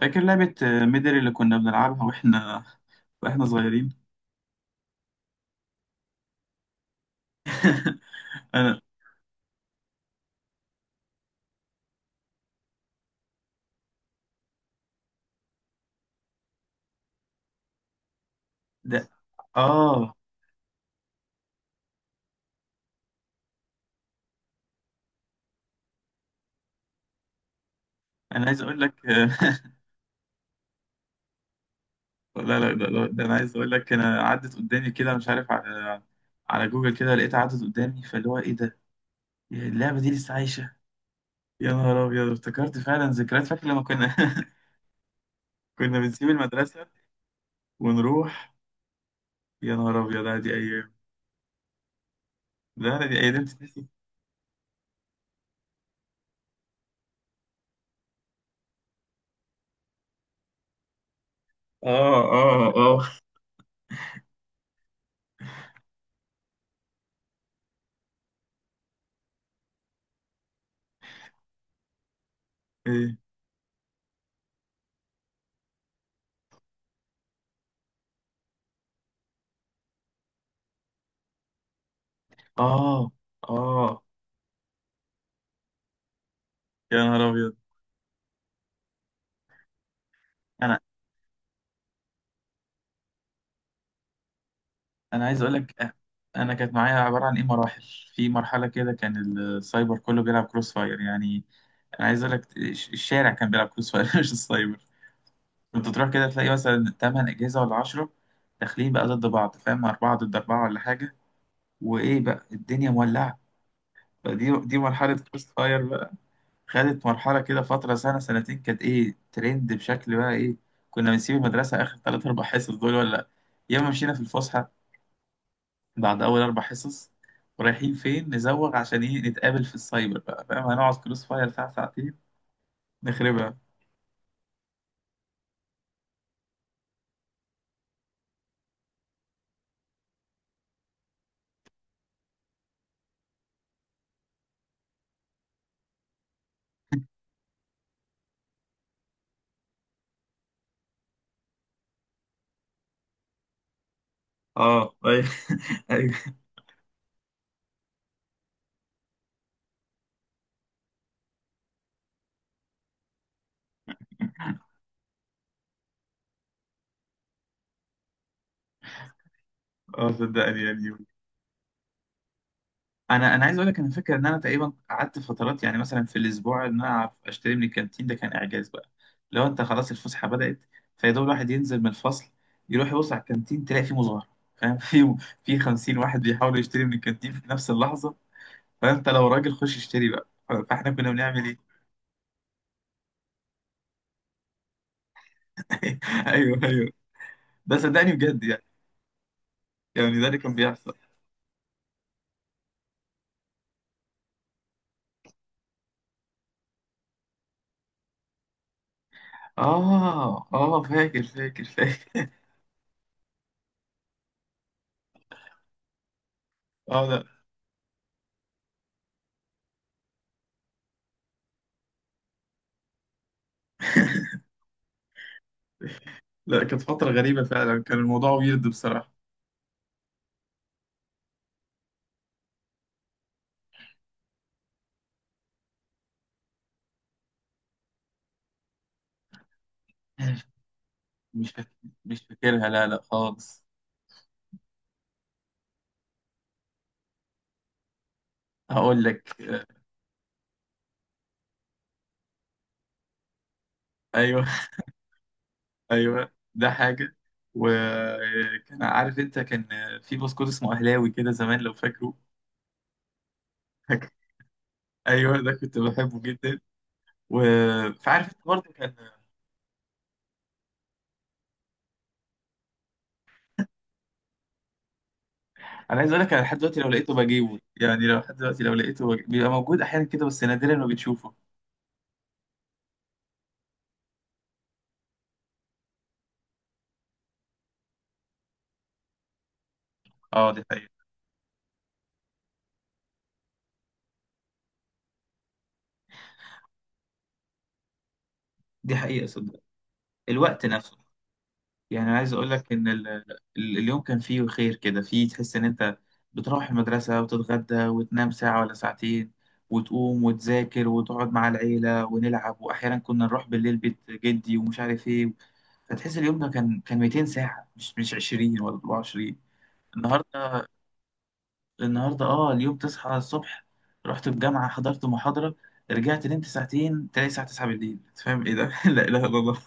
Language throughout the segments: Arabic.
فاكر لعبة ميدل اللي كنا بنلعبها واحنا صغيرين. انا. ده. اه. انا عايز اقول لك. لا ده انا عايز اقول لك انا عدت قدامي كده مش عارف على على جوجل كده لقيتها عدت قدامي فاللي هو ايه ده اللعبة دي لسه عايشة. يا نهار ابيض افتكرت فعلا ذكريات. فاكر لما كنا، كنا بنسيب المدرسة ونروح. يا نهار ابيض، لا دي ايام، لا دي ايام تتنسي. اه اه اه. ايه. اه اه. يا نهار ابيض. انا انا عايز اقول لك انا كانت معايا عباره عن ايه مراحل. في مرحله كده كان السايبر كله بيلعب كروس فاير، يعني انا عايز اقول لك الشارع كان بيلعب كروس فاير، مش السايبر. كنت تروح كده تلاقي مثلا 8 اجهزه ولا 10 داخلين بقى ضد بعض، فاهم، اربعه ضد اربعه ولا حاجه. وايه بقى، الدنيا مولعه. فدي مرحله، كروس فاير بقى. خدت مرحله كده فتره سنه سنتين، كانت ايه ترند بشكل بقى ايه. كنا بنسيب المدرسه اخر ثلاث اربع حصص دول، ولا يا اما مشينا في الفسحه بعد أول أربع حصص. ورايحين فين؟ نزوغ عشان إيه؟ نتقابل في السايبر بقى، فاهم، هنقعد كروس فاير ساعة ساعتين نخربها. اه ايوه. ايوه. اه صدقني يعني. انا عايز اقول لك انا فاكر ان انا تقريبا قعدت فترات يعني مثلا في الاسبوع ان انا أعرف اشتري من الكانتين ده، كان اعجاز بقى. لو انت خلاص الفسحه بدات، فيا دوب الواحد ينزل من الفصل يروح يبص على الكانتين تلاقي فيه مظاهره، فاهم، في 50 واحد بيحاول يشتري من الكانتين في نفس اللحظه. فانت لو راجل خش اشتري بقى. فاحنا كنا بنعمل ايه؟ ايوه ايوه. ده صدقني بجد يعني، يعني ده اللي كان بيحصل. اه اه، فاكر اه. لا لا، كانت فترة غريبة فعلا، كان الموضوع ويرد بصراحة. مش فاكر، مش فاكرها، لا لا خالص. هقول لك ايوه. ايوه ده حاجة. وكان عارف انت، كان في بسكوت اسمه اهلاوي كده زمان لو فاكره. فاكر. ايوه ده كنت بحبه جدا. و- فعارف انت برضه كان. انا عايز اقول لك انا لحد دلوقتي لو لقيته بجيبه، يعني لو لحد دلوقتي لو لقيته بيبقى موجود احيانا كده بس نادرا ما بتشوفه. اه دي حقيقة. دي حقيقة صدق. الوقت نفسه، يعني عايز اقول لك ان اليوم كان فيه خير كده، فيه تحس ان انت بتروح المدرسة وتتغدى وتنام ساعة ولا ساعتين وتقوم وتذاكر وتقعد مع العيلة ونلعب، واحيانا كنا نروح بالليل بيت جدي ومش عارف ايه. فتحس اليوم ده كان 200 ساعة، مش 20 ولا 24. النهاردة، النهاردة اه اليوم تصحى الصبح، رحت الجامعة، حضرت محاضرة، رجعت نمت ساعتين، تلاقي الساعة 9 بالليل. أنت فاهم ايه ده؟ لا اله الا الله.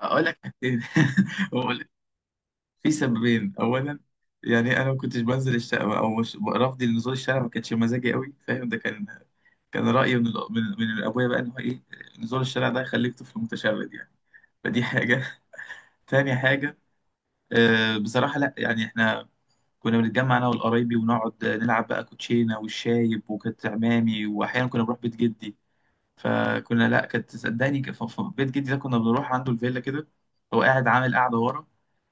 اقول لك حاجتين. أقول- في سببين. اولا يعني انا ما كنتش بنزل الشارع، او مش رفضي لنزول الشارع ما كانش مزاجي قوي، فاهم، ده كان كان رايي من الأ- من من ابويا بقى، ان هو ايه، نزول الشارع ده هيخليك طفل متشرد يعني. فدي حاجه. تاني حاجه، بصراحه لا يعني احنا كنا بنتجمع انا والقرايبي ونقعد نلعب بقى كوتشينه والشايب، وكانت عمامي واحيانا كنا بنروح بيت جدي. فكنا لا، كانت صدقني بيت جدي ده كنا بنروح عنده الفيلا كده، هو قاعد عامل قاعده ورا،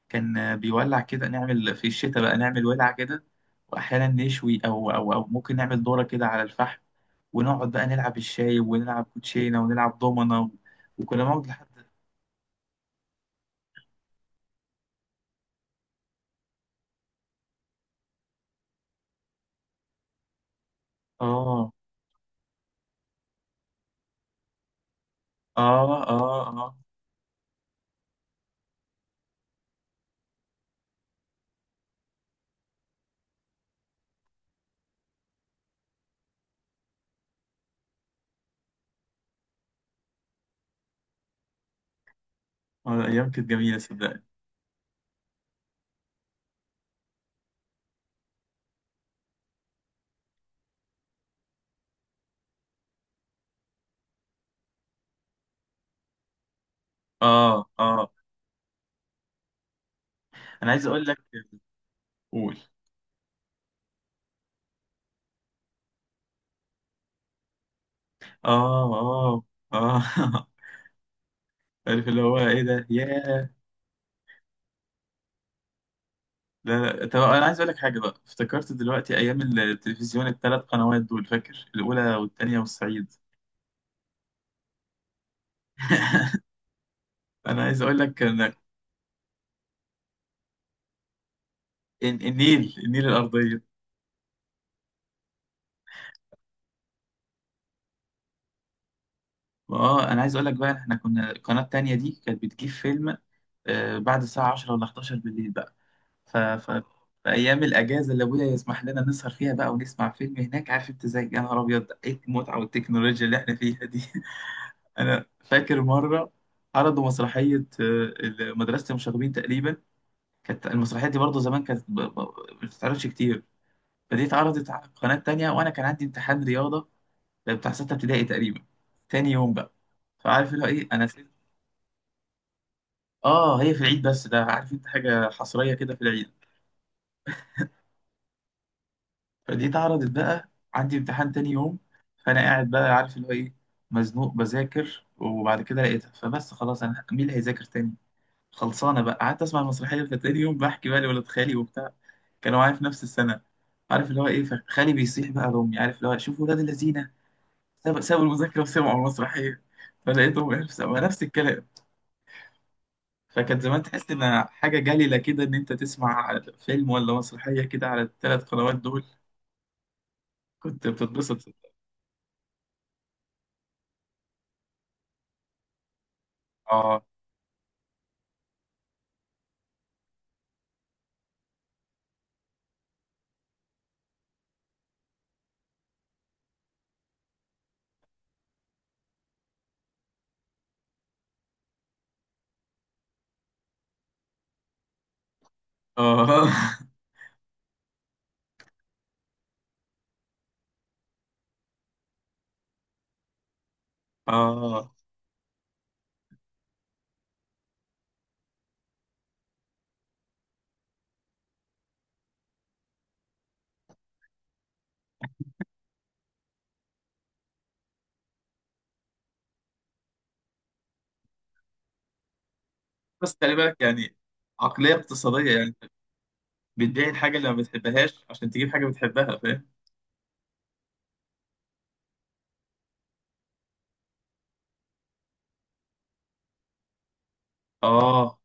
كان بيولع كده، نعمل في الشتاء بقى نعمل ولعة كده وأحيانا نشوي أو ممكن نعمل دورة كده على الفحم، ونقعد بقى نلعب الشاي ونلعب كوتشينة ونلعب دومنة و... وكنا نقعد لحد. آه آه آه آه. أيام كانت جميلة صدقني. آه آه. أنا عايز أقول لك. قول. آه آه آه. عارف اللي هو إيه ده، ياه. لا لا، طب أنا عايز أقول لك حاجة بقى افتكرت دلوقتي. أيام التلفزيون الثلاث قنوات دول، فاكر الأولى والثانية والصعيد. انا عايز اقول لك ان النيل، النيل الارضيه. اه انا عايز اقول لك بقى، احنا كنا القناه التانيه دي كانت بتجيب فيلم بعد الساعه 10 ولا 11 بالليل بقى. ف... ف... في ايام الاجازه اللي ابويا يسمح لنا نسهر فيها بقى ونسمع فيلم هناك، عارف انت زي، يا نهار ابيض ايه المتعه والتكنولوجيا اللي احنا فيها دي. انا فاكر مره عرضوا مسرحيه مدرسه المشاغبين تقريبا. كانت المسرحيه دي برضه زمان كانت ما بتتعرضش كتير. فدي اتعرضت على قناه تانيه وانا كان عندي امتحان رياضه، ده بتاع ستة ابتدائي تقريبا، تاني يوم بقى. فعارف اللي هو ايه، انا سيب. اه هي في العيد، بس ده عارف انت حاجة حصرية كده في العيد. فدي اتعرضت بقى، عندي امتحان تاني يوم، فانا قاعد بقى عارف اللي هو ايه، مزنوق بذاكر، وبعد كده لقيتها، فبس خلاص، انا مين اللي هيذاكر تاني؟ خلصانة بقى، قعدت اسمع المسرحية. فتاني يوم بحكي بقى لولاد خالي وبتاع، كانوا معايا في نفس السنة، عارف اللي هو ايه، فخالي بيصيح بقى لأمي عارف اللي هو، شوفوا ولاد الذين سابوا المذاكرة وسمعوا المسرحية. فلقيتهم نفس الكلام. فكانت زمان تحس ان حاجه جليله كده ان انت تسمع فيلم ولا مسرحيه كده على الثلاث قنوات دول، كنت بتتبسط. اه اه. اه بس خلي بالك يعني، عقليه اقتصاديه يعني، بتبيع الحاجه اللي ما بتحبهاش عشان تجيب حاجه بتحبها، فاهم. اه.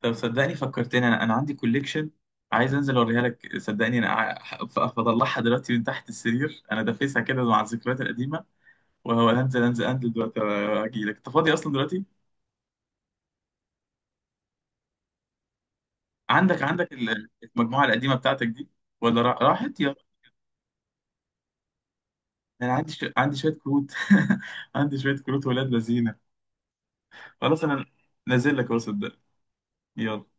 طب صدقني فكرتني، انا عندي كوليكشن، عايز انزل اوريها لك صدقني، انا فاطلعها دلوقتي من تحت السرير، انا دافيسها كده مع الذكريات القديمه، وهنزل، انزل دلوقتي اجي لك، انت فاضي اصلا دلوقتي؟ عندك ال- المجموعة القديمة بتاعتك دي ولا راحت يا. انا عندي عندي شوية كروت، عندي شوية كروت ولاد لذينه. خلاص انا نازل لك اهو صدق. يلا.